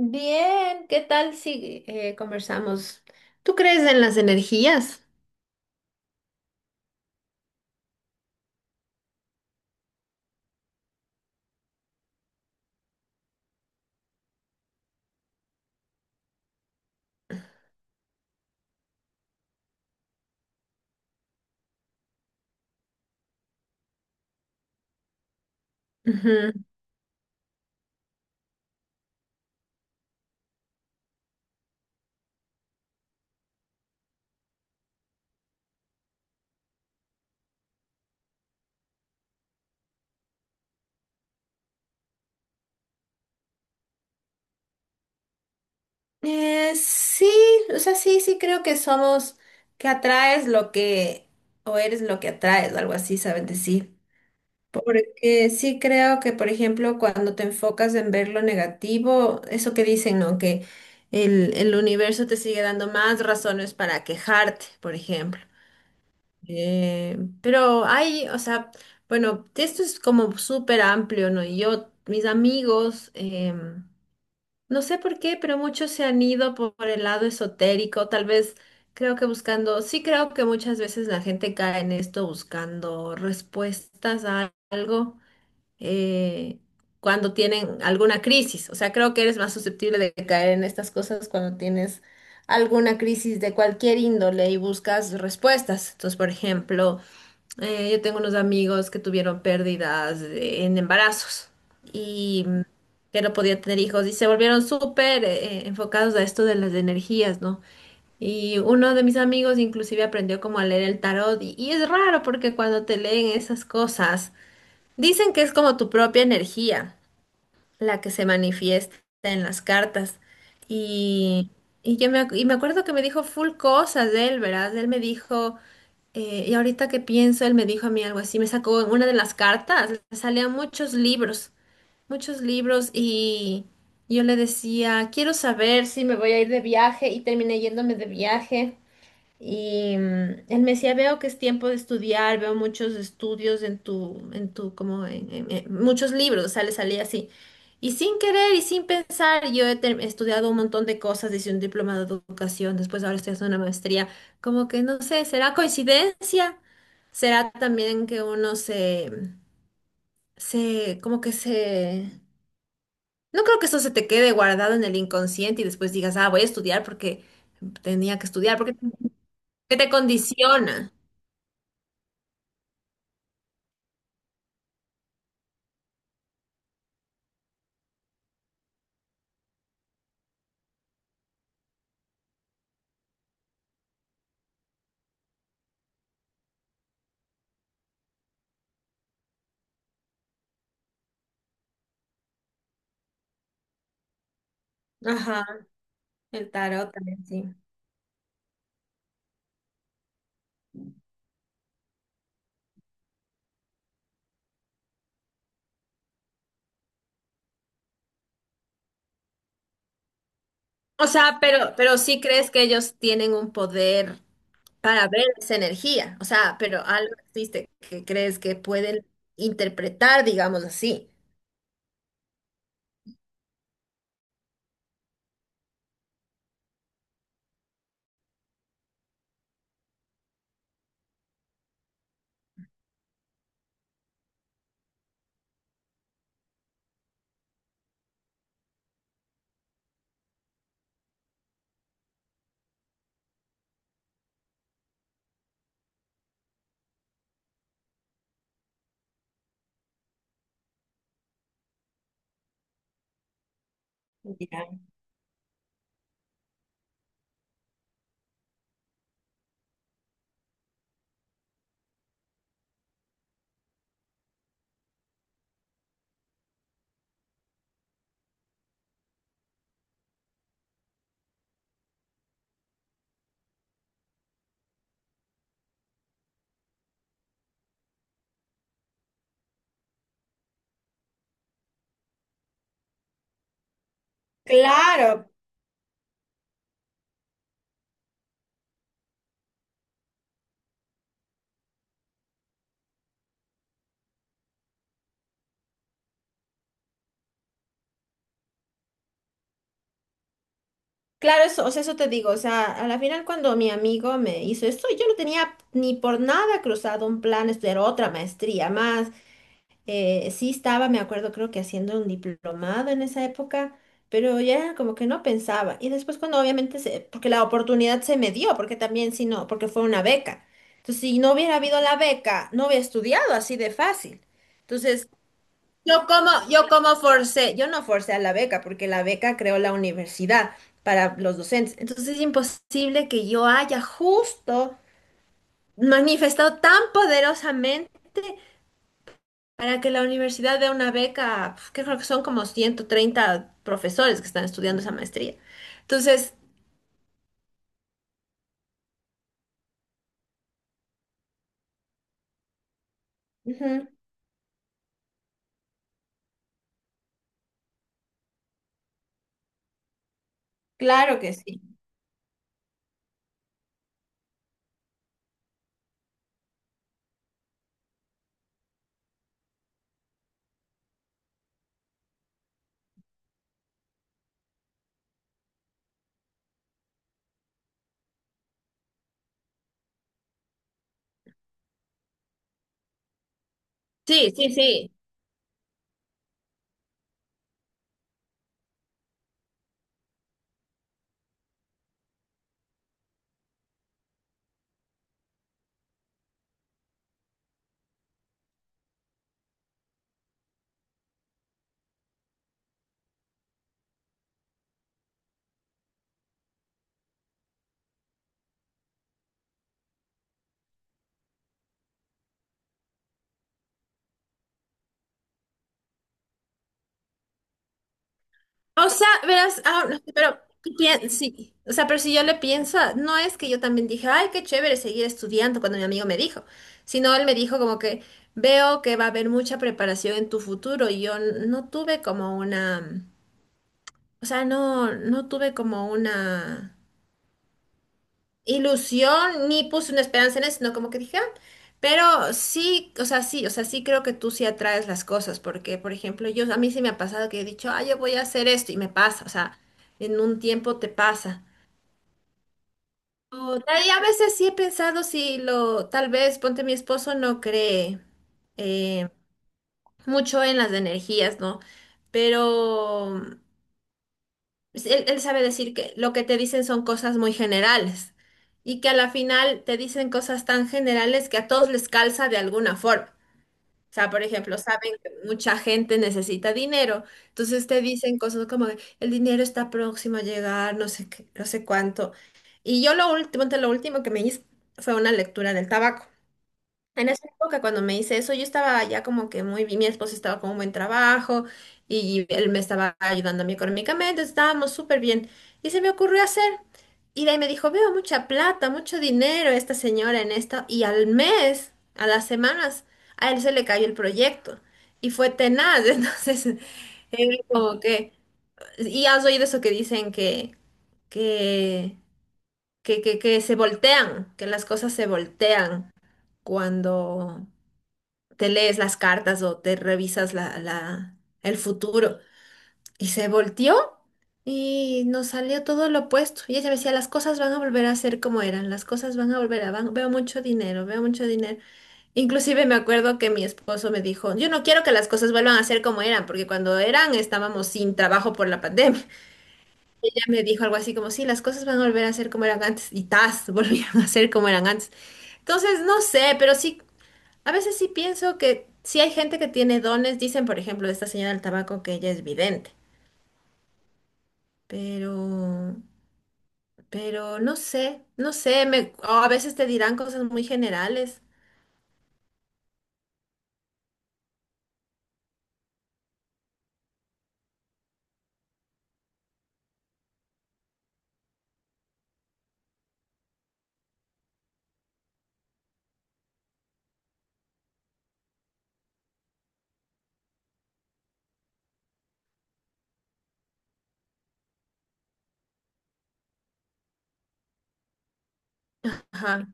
Bien, ¿qué tal si conversamos? ¿Tú crees en las energías? Ujú. Sí, o sea, sí, sí creo que somos, que atraes lo que, o eres lo que atraes, o algo así, saben decir. Porque sí creo que, por ejemplo, cuando te enfocas en ver lo negativo, eso que dicen, ¿no? Que el universo te sigue dando más razones para quejarte, por ejemplo. Pero hay, o sea, bueno, esto es como súper amplio, ¿no? Y yo, mis amigos, no sé por qué, pero muchos se han ido por el lado esotérico, tal vez creo que buscando, sí creo que muchas veces la gente cae en esto buscando respuestas a algo eh, cuando tienen alguna crisis, o sea, creo que eres más susceptible de caer en estas cosas cuando tienes alguna crisis de cualquier índole y buscas respuestas. Entonces, por ejemplo, yo tengo unos amigos que tuvieron pérdidas en embarazos y que no podían tener hijos y se volvieron súper enfocados a esto de las energías, ¿no? Y uno de mis amigos inclusive aprendió como a leer el tarot y es raro porque cuando te leen esas cosas, dicen que es como tu propia energía la que se manifiesta en las cartas. Y, y me acuerdo que me dijo full cosas de él, ¿verdad? Él me dijo, y ahorita que pienso, él me dijo a mí algo así, me sacó en una de las cartas, le salían muchos libros, y yo le decía, quiero saber si me voy a ir de viaje, y terminé yéndome de viaje. Y él me decía, veo que es tiempo de estudiar, veo muchos estudios en tu, como en muchos libros, salía así. Y sin querer y sin pensar, yo he estudiado un montón de cosas, hice un diplomado de educación, después ahora estoy haciendo una maestría, como que no sé, ¿será coincidencia? ¿Será también que uno se. No creo que eso se te quede guardado en el inconsciente y después digas, ah, voy a estudiar porque tenía que estudiar, porque que te condiciona. Ajá, el tarot también, sí. O sea, pero sí crees que ellos tienen un poder para ver esa energía. O sea, pero algo existe que crees que pueden interpretar, digamos así. Ya. Claro, claro, eso, o sea, eso te digo, o sea, a la final cuando mi amigo me hizo esto, yo no tenía ni por nada cruzado un plan de estudiar otra maestría más, sí estaba, me acuerdo, creo que haciendo un diplomado en esa época, pero ya como que no pensaba, y después cuando obviamente, se, porque la oportunidad se me dio, porque también si no, porque fue una beca, entonces si no hubiera habido la beca, no hubiera estudiado así de fácil. Entonces, Yo no forcé a la beca porque la beca creó la universidad para los docentes. Entonces es imposible que yo haya justo manifestado tan poderosamente para que la universidad dé una beca, que creo que son como 130 profesores que están estudiando esa maestría. Entonces, ujú, claro que sí. Sí, sí, sí. O sea, verás, ah, no, pero sí, o sea, pero si yo le pienso, no es que yo también dije, ay, qué chévere seguir estudiando cuando mi amigo me dijo, sino él me dijo como que veo que va a haber mucha preparación en tu futuro y yo no tuve como una, o sea, no tuve como una ilusión ni puse una esperanza en eso, sino como que dije, "Ah", pero sí, o sea, sí, o sea, sí creo que tú sí atraes las cosas, porque, por ejemplo, yo, a mí sí me ha pasado que he dicho, ah, yo voy a hacer esto y me pasa, o sea, en un tiempo te pasa. Y a veces sí he pensado si lo, tal vez, ponte mi esposo no cree eh, mucho en las energías, ¿no? Pero pues, él sabe decir que lo que te dicen son cosas muy generales y que a la final te dicen cosas tan generales que a todos les calza de alguna forma. O sea, por ejemplo, saben que mucha gente necesita dinero, entonces te dicen cosas como que el dinero está próximo a llegar, no sé qué, no sé cuánto. Y yo lo último que me hice fue una lectura del tabaco. En esa época, cuando me hice eso, yo estaba ya como que muy bien, mi esposo estaba con un buen trabajo y él me estaba ayudando a mí económicamente, estábamos súper bien. Y se me ocurrió hacer, y de ahí me dijo, veo mucha plata, mucho dinero esta señora en esto, y al mes, a las semanas, a él se le cayó el proyecto y fue tenaz, entonces, él como que, y has oído eso que dicen que, que se voltean, que las cosas se voltean cuando te lees las cartas o te revisas el futuro. Y se volteó y nos salió todo lo opuesto. Y ella me decía, las cosas van a volver a ser como eran, las cosas van a volver veo mucho dinero, veo mucho dinero. Inclusive me acuerdo que mi esposo me dijo, yo no quiero que las cosas vuelvan a ser como eran, porque cuando eran estábamos sin trabajo por la pandemia. Ella me dijo algo así como, sí, las cosas van a volver a ser como eran antes. Y tas, volvieron a ser como eran antes. Entonces, no sé, pero sí. A veces sí pienso que sí hay gente que tiene dones, dicen por ejemplo esta señora del tabaco que ella es vidente, pero, pero no sé, no sé, o a veces te dirán cosas muy generales. Ajá.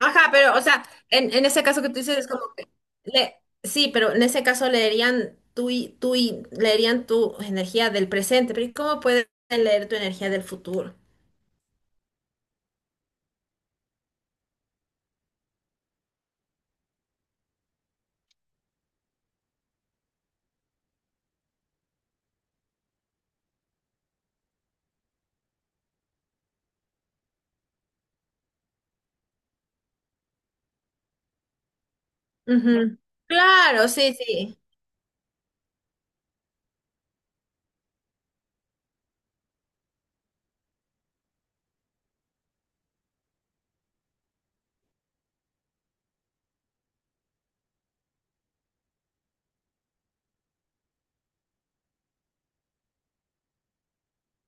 Ajá, pero o sea, en ese caso que tú dices es como que sí, pero en ese caso leerían tú y leerían tu energía del presente, pero ¿y cómo pueden leer tu energía del futuro? Ujú. Claro, sí, sí.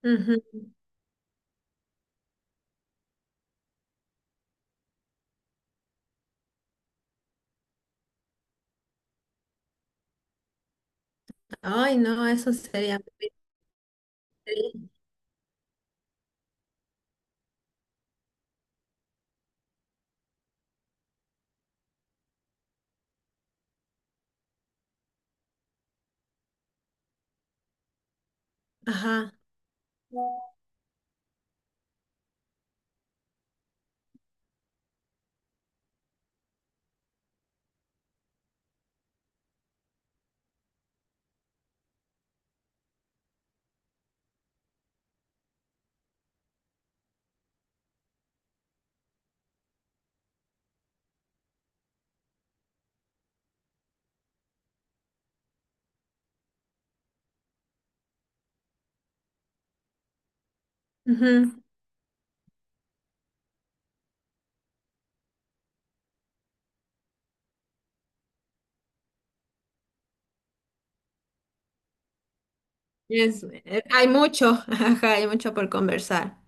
Ujú. Ay, no, eso sería muy triste. Ajá. Ujú. Hay mucho, ajá, hay mucho por conversar.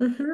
Ujú.